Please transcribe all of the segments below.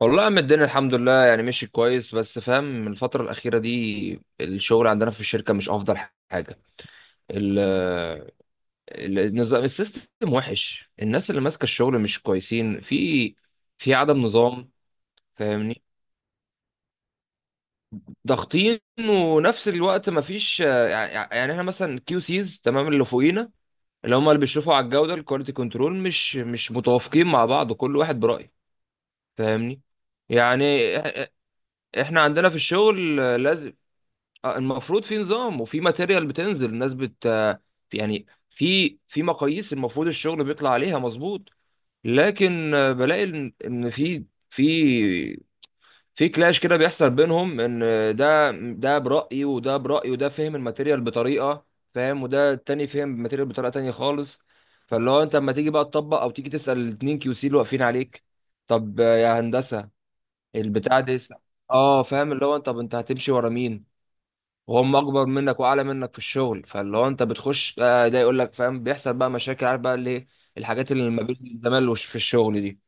والله يا عم، الدنيا الحمد لله، يعني ماشي كويس، بس فاهم من الفترة الأخيرة دي الشغل عندنا في الشركة مش أفضل حاجة. ال النظام السيستم وحش، الناس اللي ماسكة الشغل مش كويسين، في عدم نظام. فاهمني؟ ضاغطين ونفس الوقت مفيش، يعني احنا مثلا كيو سيز، تمام، اللي فوقينا اللي هم اللي بيشرفوا على الجودة، الكواليتي كنترول، مش متوافقين مع بعض، كل واحد برأيه. فاهمني؟ يعني إح- احنا عندنا في الشغل لازم. المفروض في نظام وفي ماتيريال بتنزل الناس بت آه، يعني في مقاييس المفروض الشغل بيطلع عليها مظبوط. لكن بلاقي ان، إن في في كلاش كده بيحصل بينهم، ان ده برأيي وده برأيي وده فهم الماتيريال بطريقة، فاهم، وده التاني فهم الماتيريال بطريقة تانية خالص. فاللي هو انت لما تيجي بقى تطبق، او تيجي تسأل الاتنين كيو سي اللي واقفين عليك، طب يا هندسة البتاع ده. اه، فاهم، اللي هو طب انت هتمشي ورا مين وهم اكبر منك واعلى منك في الشغل؟ فاللي هو انت بتخش، ده يقول لك، فاهم، بيحصل بقى مشاكل، عارف بقى اللي إيه، الحاجات اللي ما بين الزمال في الشغل دي.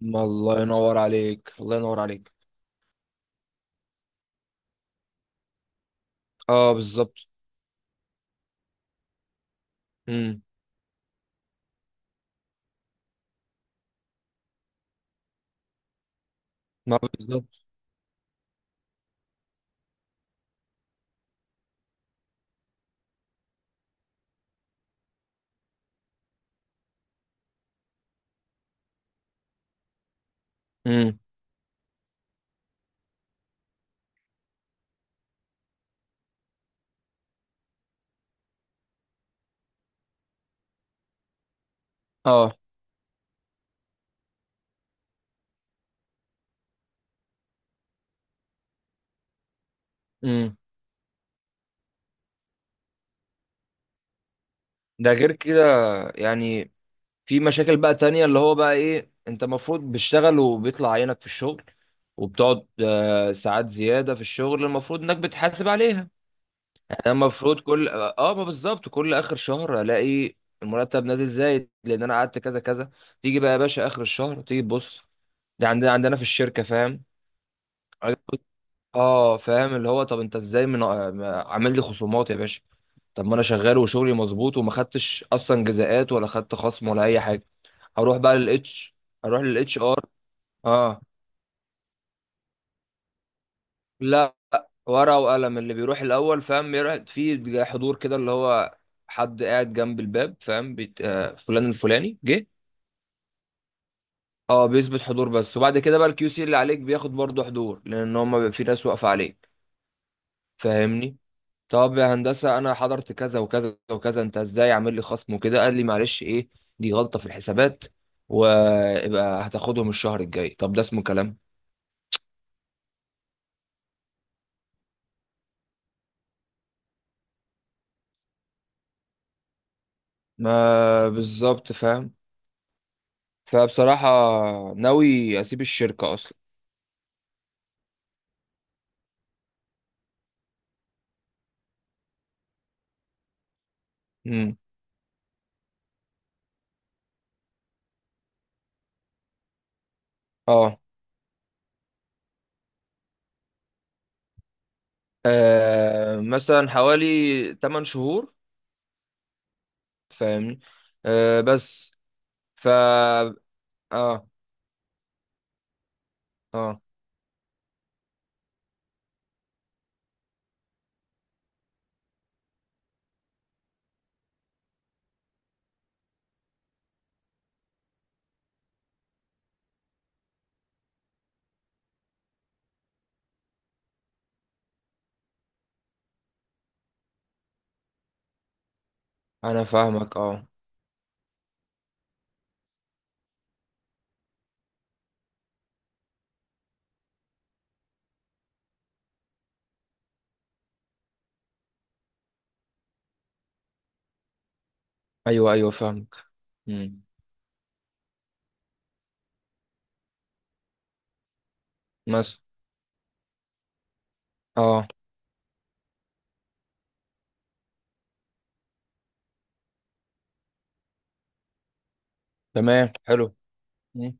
ما الله ينور عليك، الله ينور عليك. اه، بالظبط. امم. ما بالظبط. امم. اه. امم. ده غير كده، يعني في مشاكل بقى تانية اللي هو بقى ايه، انت المفروض بتشتغل وبيطلع عينك في الشغل، وبتقعد ساعات زيادة في الشغل المفروض انك بتحاسب عليها. انا المفروض كل، اه ما بالظبط، كل اخر شهر الاقي المرتب نازل زايد لان انا قعدت كذا كذا. تيجي بقى يا باشا اخر الشهر تيجي تبص، ده عندنا في الشركه، فاهم. اه، فاهم، اللي هو طب انت ازاي من، عامل لي خصومات يا باشا؟ طب ما انا شغال وشغلي مظبوط وما خدتش اصلا جزاءات ولا خدت خصم ولا اي حاجه. هروح بقى للاتش هروح للاتش ار. اه. لا، ورقة وقلم. اللي بيروح الأول، فاهم، بيروح في حضور كده، اللي هو حد قاعد جنب الباب، فاهم، بيت... آه، فلان الفلاني جه. اه، بيثبت حضور بس، وبعد كده بقى الكيو سي اللي عليك بياخد برضه حضور لأن هما بيبقى في ناس واقفة عليك. فاهمني؟ طب يا هندسة أنا حضرت كذا وكذا وكذا، أنت إزاي عامل لي خصم وكده؟ قال لي معلش إيه، دي غلطة في الحسابات ويبقى هتاخدهم الشهر الجاي. طب ده اسمه كلام؟ ما بالظبط، فاهم. فبصراحة ناوي أسيب الشركة أصلا. امم. اه. مثلا حوالي 8 شهور. فاهمني؟ آه بس. ف اه. اه، انا فاهمك، اه. ايوه، ايوه، فاهمك. امم. مثلا. اه. تمام، حلو. مم.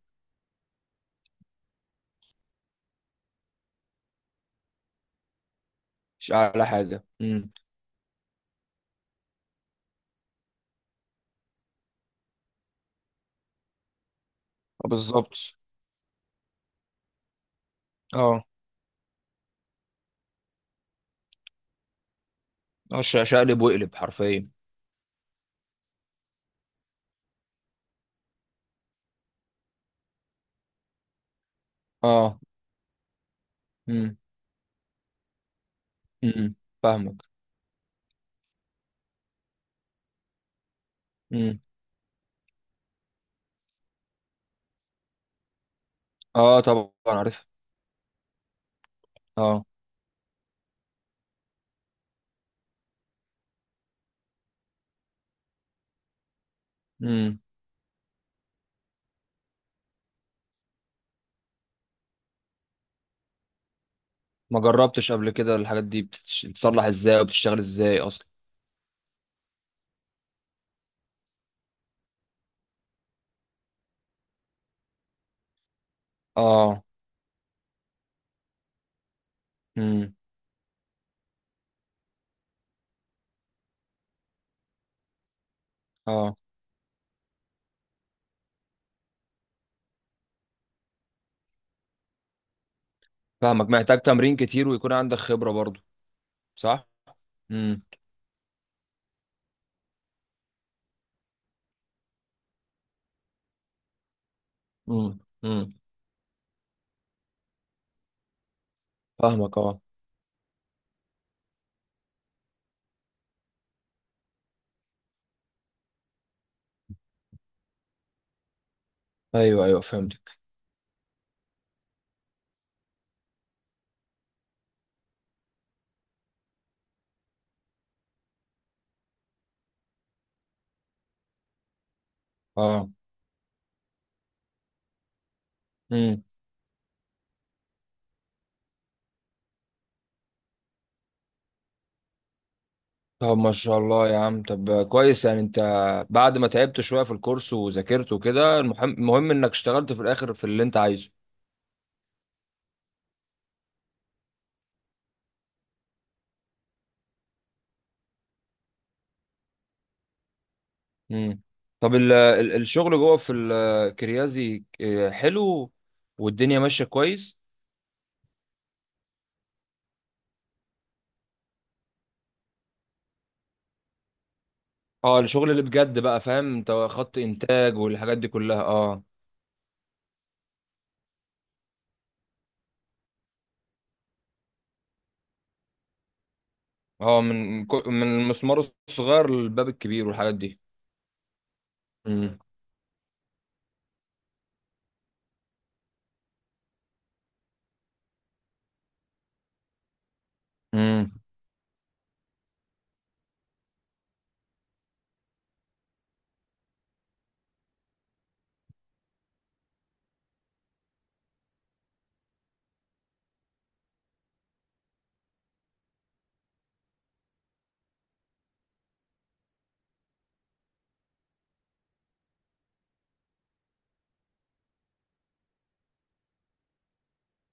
مش اعلى حاجه. امم. بالظبط، اه. شقلب واقلب حرفيا. اه. امم. امم. فاهمك. امم. اه، طبعا عارف. اه. امم. ما جربتش قبل كده الحاجات دي بتتصلح ازاي وبتشتغل ازاي اصلا؟ اه. امم. اه، فاهمك، محتاج تمرين كتير ويكون عندك خبرة برضو، صح. امم. امم. امم. فاهمك. اه. ايوه، ايوه، فهمتك. اه. امم. طب ما شاء الله يا عم، طب كويس، يعني انت بعد ما تعبت شوية في الكورس وذاكرت وكده، المهم المهم انك اشتغلت في الاخر في اللي انت عايزه. امم. طب الشغل جوه في الكريازي حلو والدنيا ماشية كويس؟ اه، الشغل اللي بجد بقى، فاهم، انت خط انتاج والحاجات دي كلها، اه. اه، من المسمار الصغير للباب الكبير والحاجات دي. امم. امم.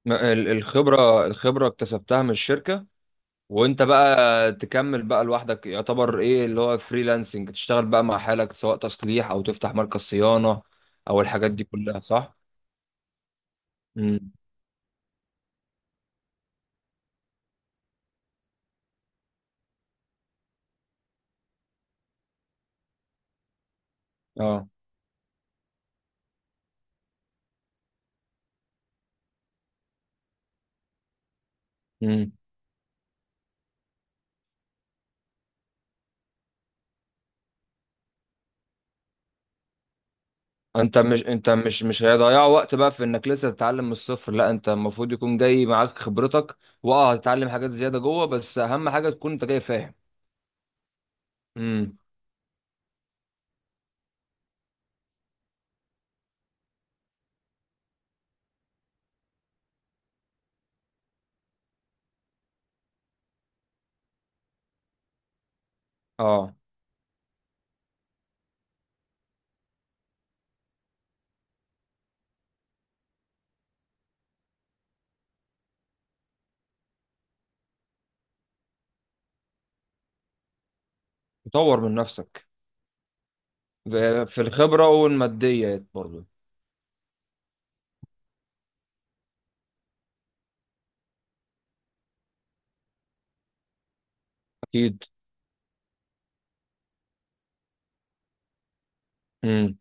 الخبرة اكتسبتها من الشركة، وانت بقى تكمل بقى لوحدك يعتبر، ايه اللي هو فريلانسنج، تشتغل بقى مع حالك سواء تصليح او تفتح مركز صيانة او الحاجات دي كلها، صح؟ امم. اه. امم. انت مش هيضيع وقت بقى في انك لسه تتعلم من الصفر، لا انت المفروض يكون جاي معاك خبرتك، واه هتتعلم حاجات زيادة جوه بس اهم حاجة تكون انت جاي فاهم. امم. اه، تطور من نفسك، في الخبرة والماديات برضو. أكيد. امم.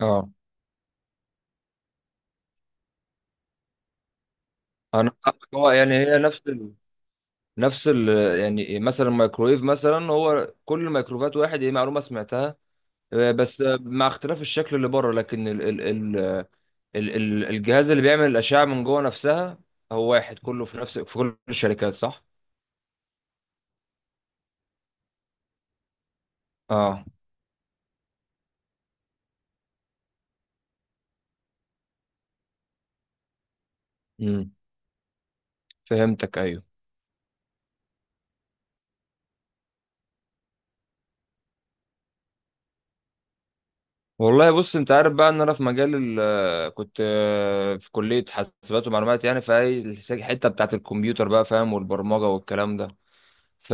اه. أنا، هو يعني، هي نفس ال... يعني مثلا الميكرويف مثلا، هو كل الميكروفات واحد، هي معلومة سمعتها. بس مع اختلاف الشكل اللي بره، لكن الجهاز اللي بيعمل الأشعة من جوه نفسها هو واحد كله في كل الشركات، صح؟ اه. امم. فهمتك، أيوه. والله بص، انت عارف بقى ان انا في مجال كنت في كلية حاسبات ومعلومات، يعني في اي الحتة بتاعت الكمبيوتر بقى، فاهم، والبرمجة والكلام ده. ف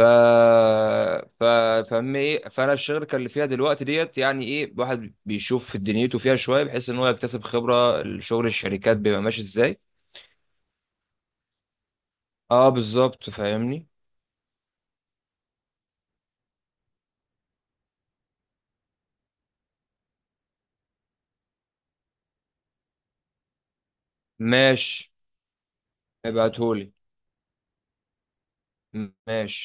ف فاهم ايه؟ فانا الشركة اللي فيها دلوقتي ديت يعني، ايه، الواحد بيشوف دنيته فيها شوية بحيث ان هو يكتسب خبرة شغل الشركات بيبقى ماشي ازاي. اه، بالظبط، فاهمني. ماشي، ابعتهولي. ماشي.